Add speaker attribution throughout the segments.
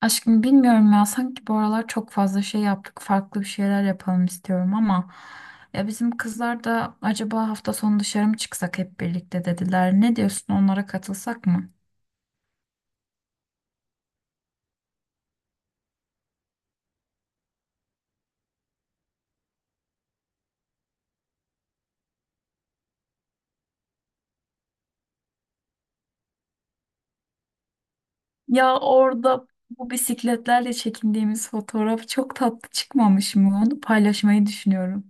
Speaker 1: Aşkım bilmiyorum ya sanki bu aralar çok fazla şey yaptık farklı bir şeyler yapalım istiyorum ama ya bizim kızlar da acaba hafta sonu dışarı mı çıksak hep birlikte dediler. Ne diyorsun onlara katılsak mı? Ya orada bu bisikletlerle çekindiğimiz fotoğraf çok tatlı çıkmamış mı? Onu paylaşmayı düşünüyorum.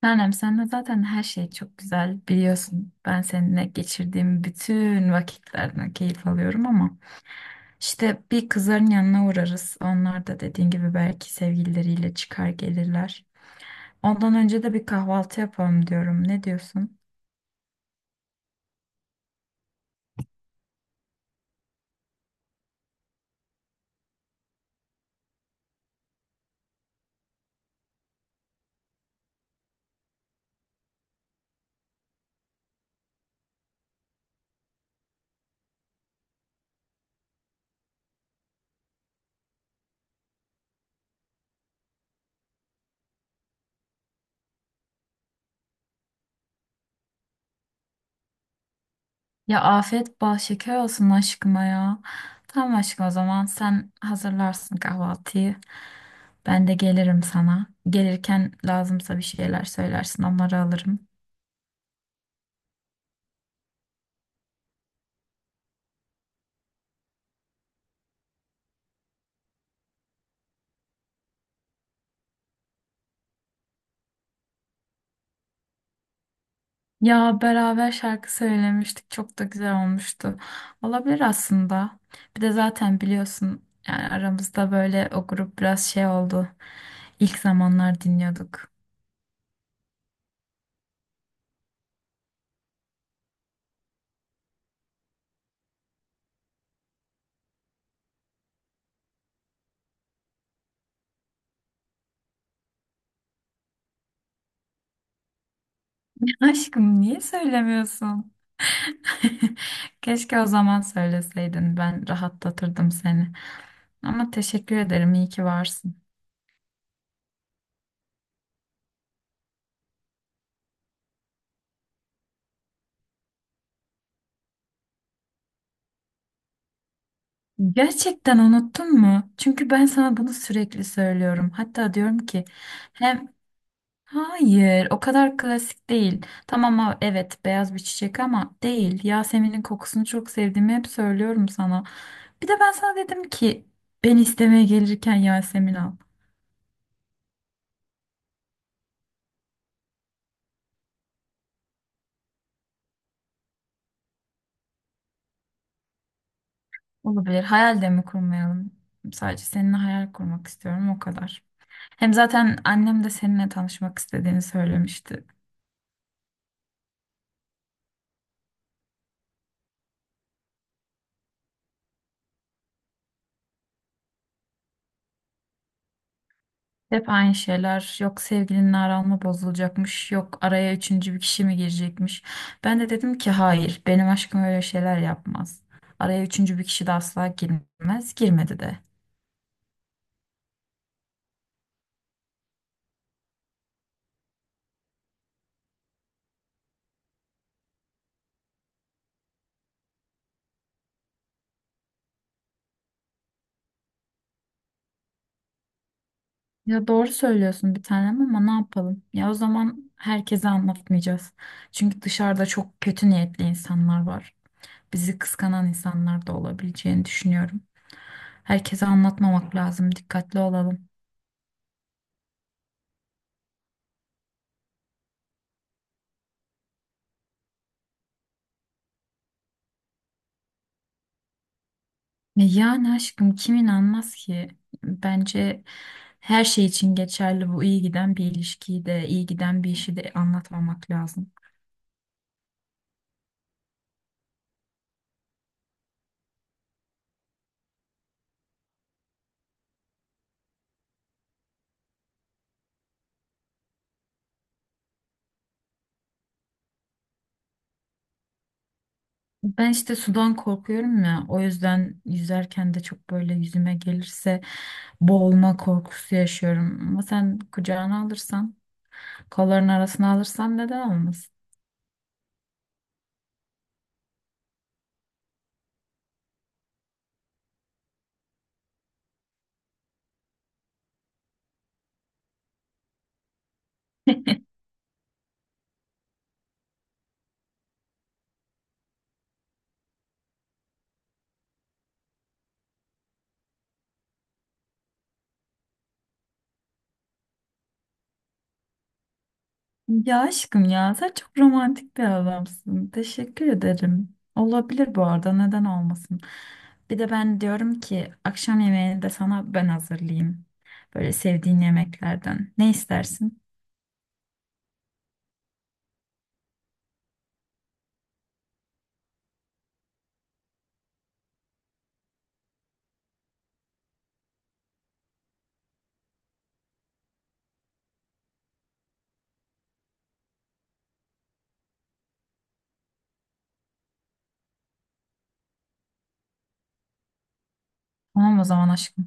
Speaker 1: Tanem senle zaten her şey çok güzel biliyorsun. Ben seninle geçirdiğim bütün vakitlerden keyif alıyorum ama. İşte bir kızların yanına uğrarız. Onlar da dediğin gibi belki sevgilileriyle çıkar gelirler. Ondan önce de bir kahvaltı yapalım diyorum. Ne diyorsun? Ya afiyet bal şeker olsun aşkıma ya. Tamam aşkım o zaman sen hazırlarsın kahvaltıyı. Ben de gelirim sana. Gelirken lazımsa bir şeyler söylersin onları alırım. Ya beraber şarkı söylemiştik. Çok da güzel olmuştu. Olabilir aslında. Bir de zaten biliyorsun yani aramızda böyle o grup biraz şey oldu. İlk zamanlar dinliyorduk. Aşkım niye söylemiyorsun? Keşke o zaman söyleseydin. Ben rahatlatırdım seni. Ama teşekkür ederim. İyi ki varsın. Gerçekten unuttun mu? Çünkü ben sana bunu sürekli söylüyorum. Hatta diyorum ki hem Hayır, o kadar klasik değil. Tamam evet beyaz bir çiçek ama değil. Yasemin'in kokusunu çok sevdiğimi hep söylüyorum sana. Bir de ben sana dedim ki ben istemeye gelirken Yasemin al. Olabilir. Hayal de mi kurmayalım? Sadece seninle hayal kurmak istiyorum o kadar. Hem zaten annem de seninle tanışmak istediğini söylemişti. Hep aynı şeyler. Yok sevgilinin aranma bozulacakmış. Yok araya üçüncü bir kişi mi girecekmiş. Ben de dedim ki hayır benim aşkım öyle şeyler yapmaz. Araya üçüncü bir kişi de asla girmez. Girmedi de. Ya doğru söylüyorsun bir tanem ama ne yapalım? Ya o zaman herkese anlatmayacağız. Çünkü dışarıda çok kötü niyetli insanlar var. Bizi kıskanan insanlar da olabileceğini düşünüyorum. Herkese anlatmamak lazım. Dikkatli olalım. E yani aşkım kim inanmaz ki? Bence her şey için geçerli bu iyi giden bir ilişkiyi de iyi giden bir işi de anlatmamak lazım. Ben işte sudan korkuyorum ya o yüzden yüzerken de çok böyle yüzüme gelirse boğulma korkusu yaşıyorum. Ama sen kucağına alırsan kolların arasına alırsan neden olmasın? Ya aşkım ya sen çok romantik bir adamsın. Teşekkür ederim. Olabilir bu arada neden olmasın. Bir de ben diyorum ki akşam yemeğini de sana ben hazırlayayım. Böyle sevdiğin yemeklerden. Ne istersin? Tamam o zaman aşkım.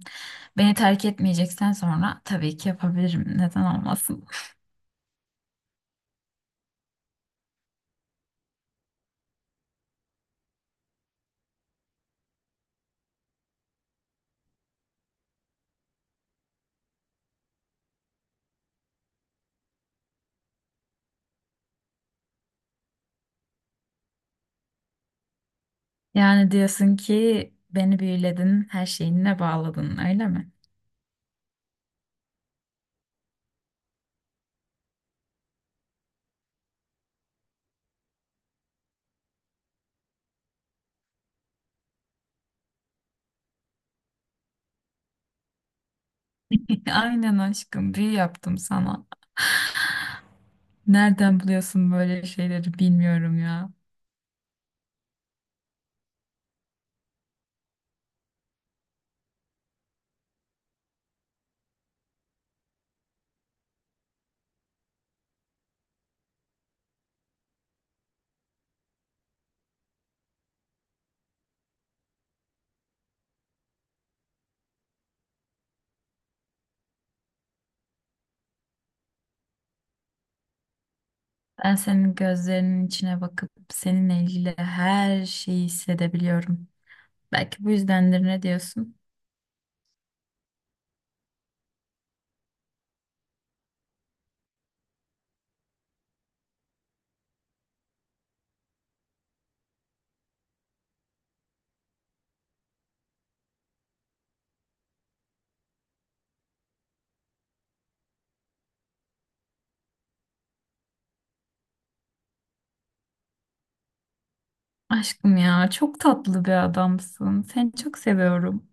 Speaker 1: Beni terk etmeyeceksen sonra tabii ki yapabilirim. Neden olmasın? Yani diyorsun ki beni büyüledin, her şeyinle bağladın öyle mi? Aynen aşkım büyü yaptım sana. Nereden buluyorsun böyle şeyleri bilmiyorum ya. Ben senin gözlerinin içine bakıp seninle ilgili her şeyi hissedebiliyorum. Belki bu yüzdendir ne diyorsun? Aşkım ya çok tatlı bir adamsın. Seni çok seviyorum.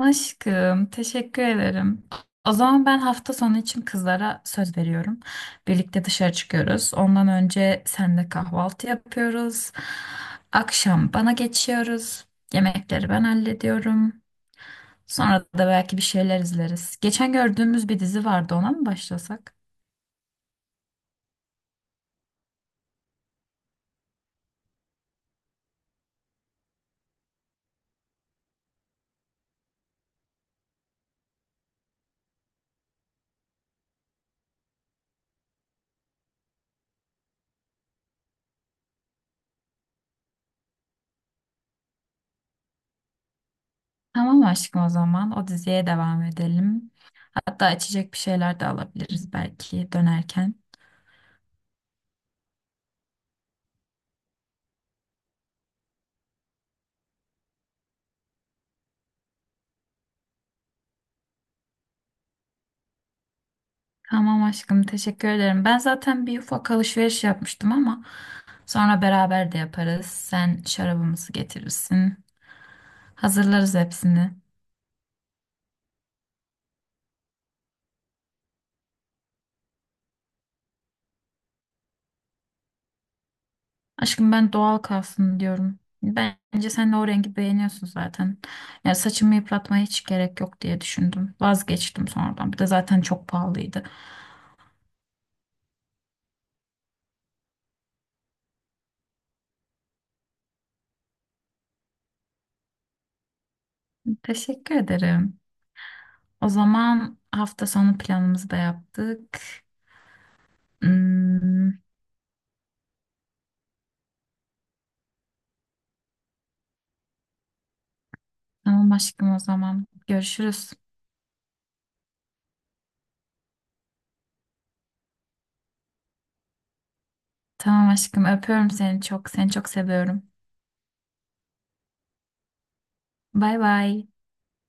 Speaker 1: Aşkım teşekkür ederim. O zaman ben hafta sonu için kızlara söz veriyorum. Birlikte dışarı çıkıyoruz. Ondan önce seninle kahvaltı yapıyoruz. Akşam bana geçiyoruz. Yemekleri ben hallediyorum. Sonra da belki bir şeyler izleriz. Geçen gördüğümüz bir dizi vardı, ona mı başlasak? Tamam aşkım o zaman. O diziye devam edelim. Hatta içecek bir şeyler de alabiliriz belki dönerken. Tamam aşkım teşekkür ederim. Ben zaten bir ufak alışveriş yapmıştım ama sonra beraber de yaparız. Sen şarabımızı getirirsin. Hazırlarız hepsini. Aşkım ben doğal kalsın diyorum. Bence sen de o rengi beğeniyorsun zaten. Ya saçımı yıpratmaya hiç gerek yok diye düşündüm. Vazgeçtim sonradan. Bir de zaten çok pahalıydı. Teşekkür ederim. O zaman hafta sonu planımızı da yaptık. Hmm, tamam aşkım o zaman. Görüşürüz. Tamam aşkım öpüyorum seni çok. Seni çok seviyorum. Bay bay.